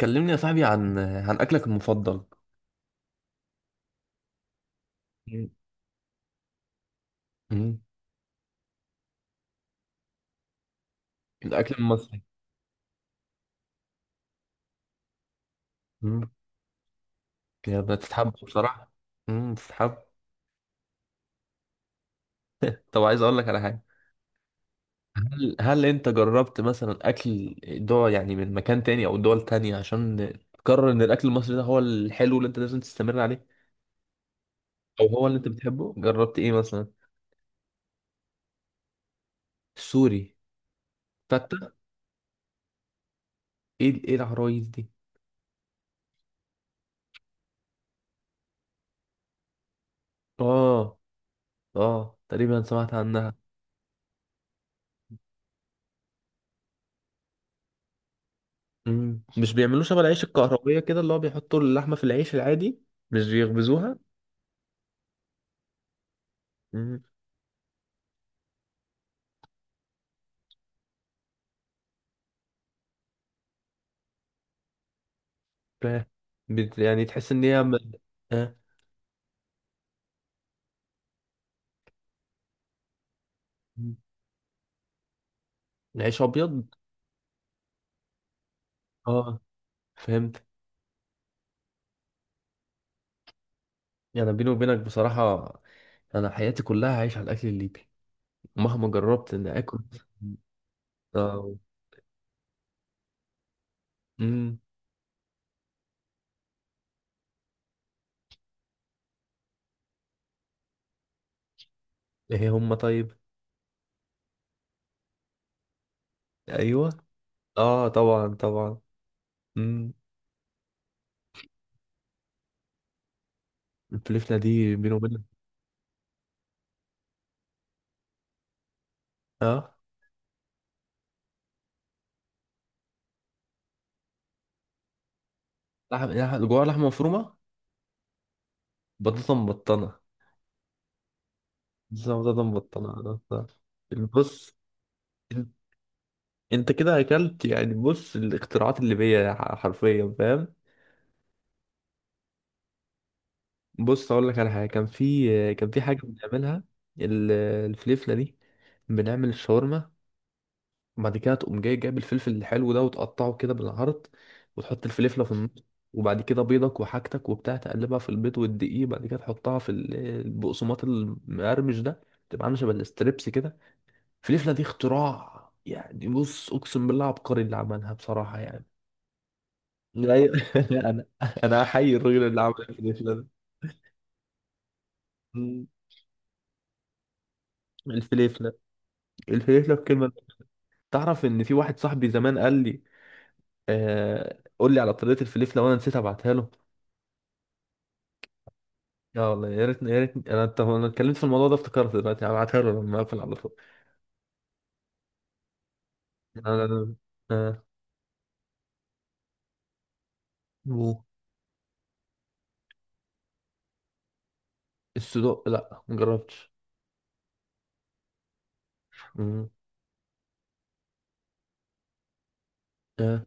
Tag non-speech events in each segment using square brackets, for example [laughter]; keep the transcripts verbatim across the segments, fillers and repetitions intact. كلمني يا صاحبي عن عن أكلك المفضل. مم. مم. الأكل المصري. مم. يا بتتحب بصراحة. مم. بتتحب. [laughs] طب عايز أقول لك على حاجة. هل هل أنت جربت مثلا أكل دول، يعني من مكان تاني أو دول تانية عشان تقرر إن الأكل المصري ده هو الحلو اللي أنت لازم تستمر عليه، أو هو اللي أنت بتحبه؟ جربت إيه مثلا؟ سوري. فتة. إيه إيه العرايس دي؟ آه. آه، تقريبا سمعت عنها. مم. مش بيعملوه شبه العيش الكهربية كده، اللي هو بيحطوا اللحمة في العيش العادي؟ مش بيخبزوها؟ مم. فاهم. بت- يعني تحس ان هي م- آه. مم. عيش ابيض. اه، فهمت. يعني بيني وبينك بصراحة، انا حياتي كلها عايش على الاكل الليبي، مهما جربت ان اكل. اه. امم. ايه هم طيب؟ ايوه. اه طبعا طبعا. امم. الفلفلة دي بيني وبينك. اه، لحم لحم- جواها لحمة مفرومة. بطاطا مبطنة. بالظبط، ده مبطلة. بص. إن- انت كده اكلت، يعني بص الاختراعات اللي بيا ح- حرفيا، فاهم؟ بص اقول لك على حاجه. كان في كان في حاجه بنعملها. ال- الفليفله دي، بنعمل الشاورما، وبعد كده تقوم جاي جايب الفلفل الحلو ده وتقطعه كده بالعرض، وتحط الفليفله في النص، وبعد كده بيضك وحاجتك وبتاع، تقلبها في البيض والدقيق، بعد كده تحطها في ال- البقسماط المقرمش ده، تبقى عامله شبه الاستريبس كده. فليفله دي اختراع، يعني بص اقسم بالله عبقري اللي عملها بصراحه يعني. أيوة. [laughs] انا انا احيي الراجل اللي عمل الفليفله ده. مم. الفليفله. الفليفله بكلمه. تعرف ان في واحد صاحبي زمان قال لي، آه قول لي على طريقه الفليفله، وانا نسيت ابعتها له. لا والله. يا ريت يا ريت. انا طب انا اتكلمت في الموضوع ده، افتكرت دلوقتي، هبعتها له لما اقفل على طول. انا. آه. مو. السودوء لا مجربتش. مم. آه.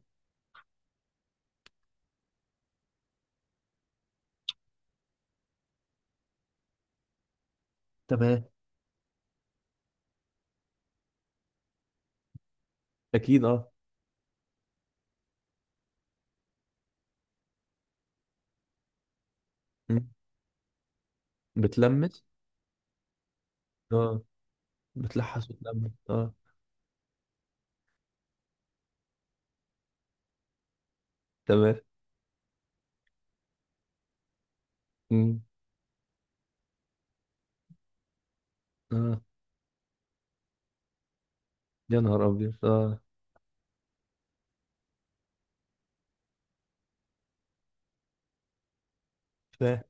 تمام. اكيد اه. مم. بتلمس. اه. بتلحس وتلمس اه. تمام. مم. اه. يا نهار ابيض اه. فاهم.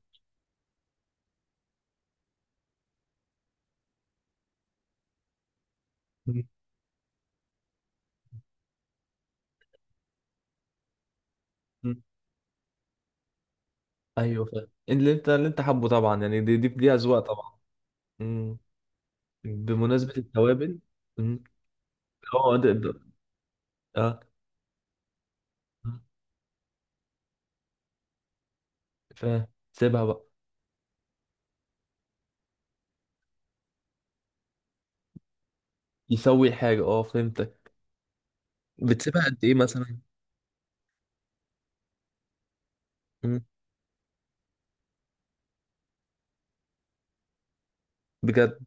مم. مم. ايوه فاهم، اللي انت اللي انت حابه طبعا، يعني دي دي دي اذواق طبعا. مم. بمناسبة التوابل. مم. اه ده ده. اه. آه. فاهم. سيبها بقى. يسوي الحاجة، اه فهمتك. بتسيبها قد ايه مثلا؟ مم. بجد؟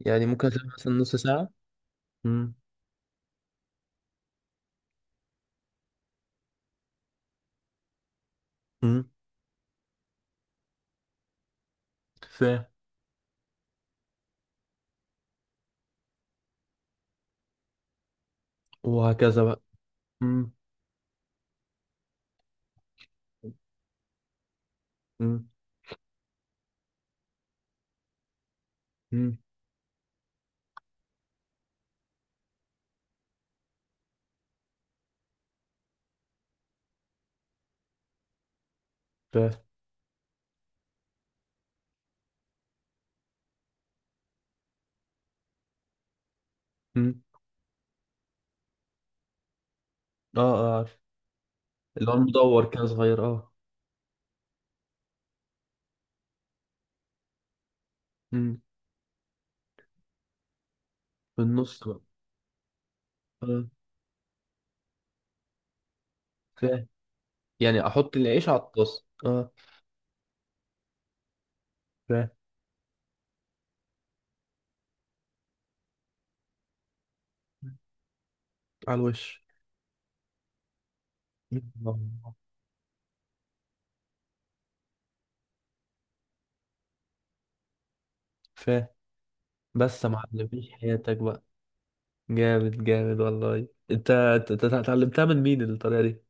يعني ممكن اسيبها مثلا نص ساعة؟ مم. مم. فاهم. وهكذا بقى. مم. مم. مم. فاهم. مم. اه اه. اللي هو المدور كان صغير اه. امم. في النص بقى. اه فاهم، يعني احط العيش على الطاسه اه. فاهم. على الوش. الله. فاهم. بس يا معلم عيش حياتك بقى. جامد جامد والله انت. ت- ت- اتعلمتها من مين الطريقه دي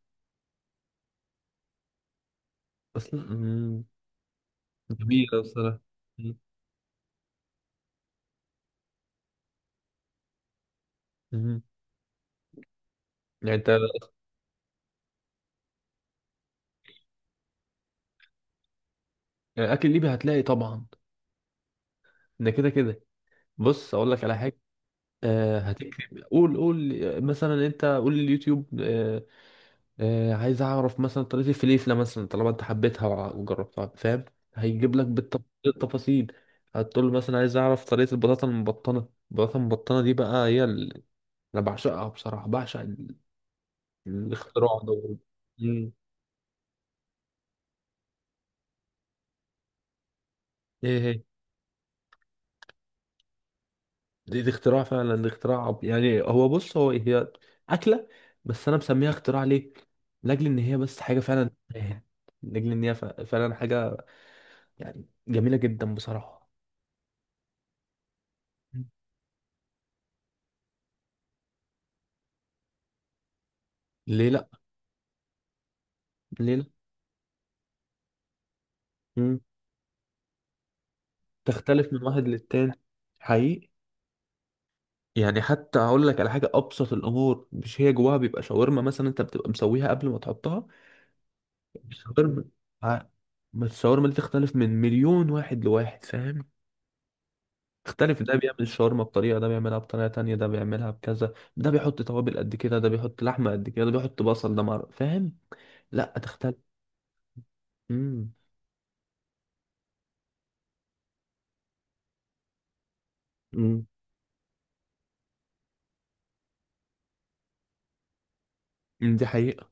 اصلا؟ مم. جميله بصراحه. مم. مم. يعني انت. يعني اكل ليبي هتلاقي طبعا، ده كده كده. بص اقول لك على حاجه. آه هتكتب قول قول آه، مثلا انت قول اليوتيوب آه، آه، عايز اعرف مثلا طريقة الفليفلة، مثلا طالما انت حبيتها وع- وجربتها، فاهم؟ هيجيب لك بالتف- بالتفاصيل. هتقول له مثلا عايز اعرف طريقة البطاطا المبطنة. البطاطا المبطنة دي بقى هي ال... انا بعشقها بصراحة، بعشق ال... الاختراع ده. مم. ايه هي؟ دي, دي اختراع فعلا، دي اختراع. يعني هو بص هو هي اكلة، بس انا مسميها اختراع ليه؟ لاجل ان هي بس حاجة فعلا. لاجل ان هي ف- فعلا حاجة، يعني جميلة جدا بصراحة. ليه لا. ليه لا. تختلف من واحد للتاني. حقيقي. يعني حتى هقول لك على حاجه، ابسط الامور مش هي جواها بيبقى شاورما مثلا؟ انت بتبقى مسويها قبل ما تحطها، الشاورما. ع- ما الشاورما دي تختلف من مليون واحد لواحد، فاهم؟ تختلف. ده بيعمل الشاورما بطريقه، ده بيعملها بطريقه تانية، ده بيعملها بكذا، ده بيحط توابل قد كده، ده بيحط لحمه قد كده، ده بيحط بصل، ده مر... فاهم؟ لا تختلف. امم. امم. دي حقيقه.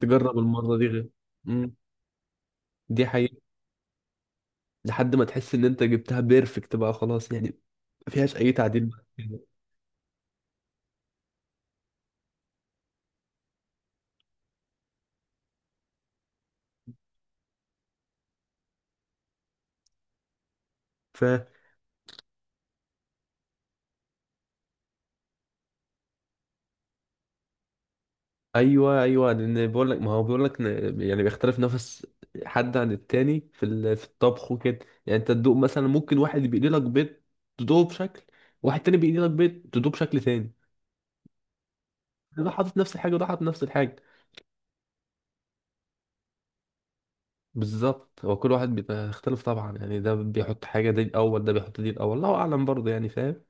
تجرب المره دي غير. امم. دي حقيقه. لحد ما تحس ان انت جبتها بيرفكت بقى، خلاص يعني ما فيهاش اي تعديل بعد كده. فا ايوه ايوه، لان بقول لك، ما هو بيقول لك إن- يعني بيختلف نفس حد عن التاني في ال- في الطبخ وكده. يعني انت تدوق مثلا، ممكن واحد بيقلي لك بيض تدوقه بشكل، واحد تاني بيقلي لك بيض تدوقه بشكل تاني. ده حاطط نفس الحاجه، وده حاطط نفس الحاجه. بالظبط، هو كل واحد بيختلف طبعا، يعني ده بيحط حاجه دي الاول، ده بيحط دي الاول، الله اعلم برضه يعني، فاهم؟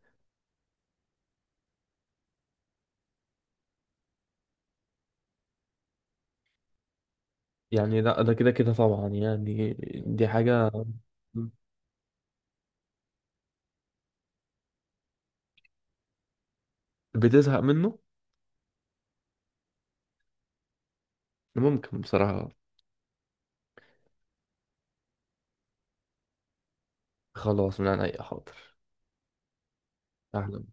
يعني لا، ده كده كده طبعا يعني، دي حاجه. بتزهق منه. ممكن بصراحة. خلاص من عن أي، حاضر. احنا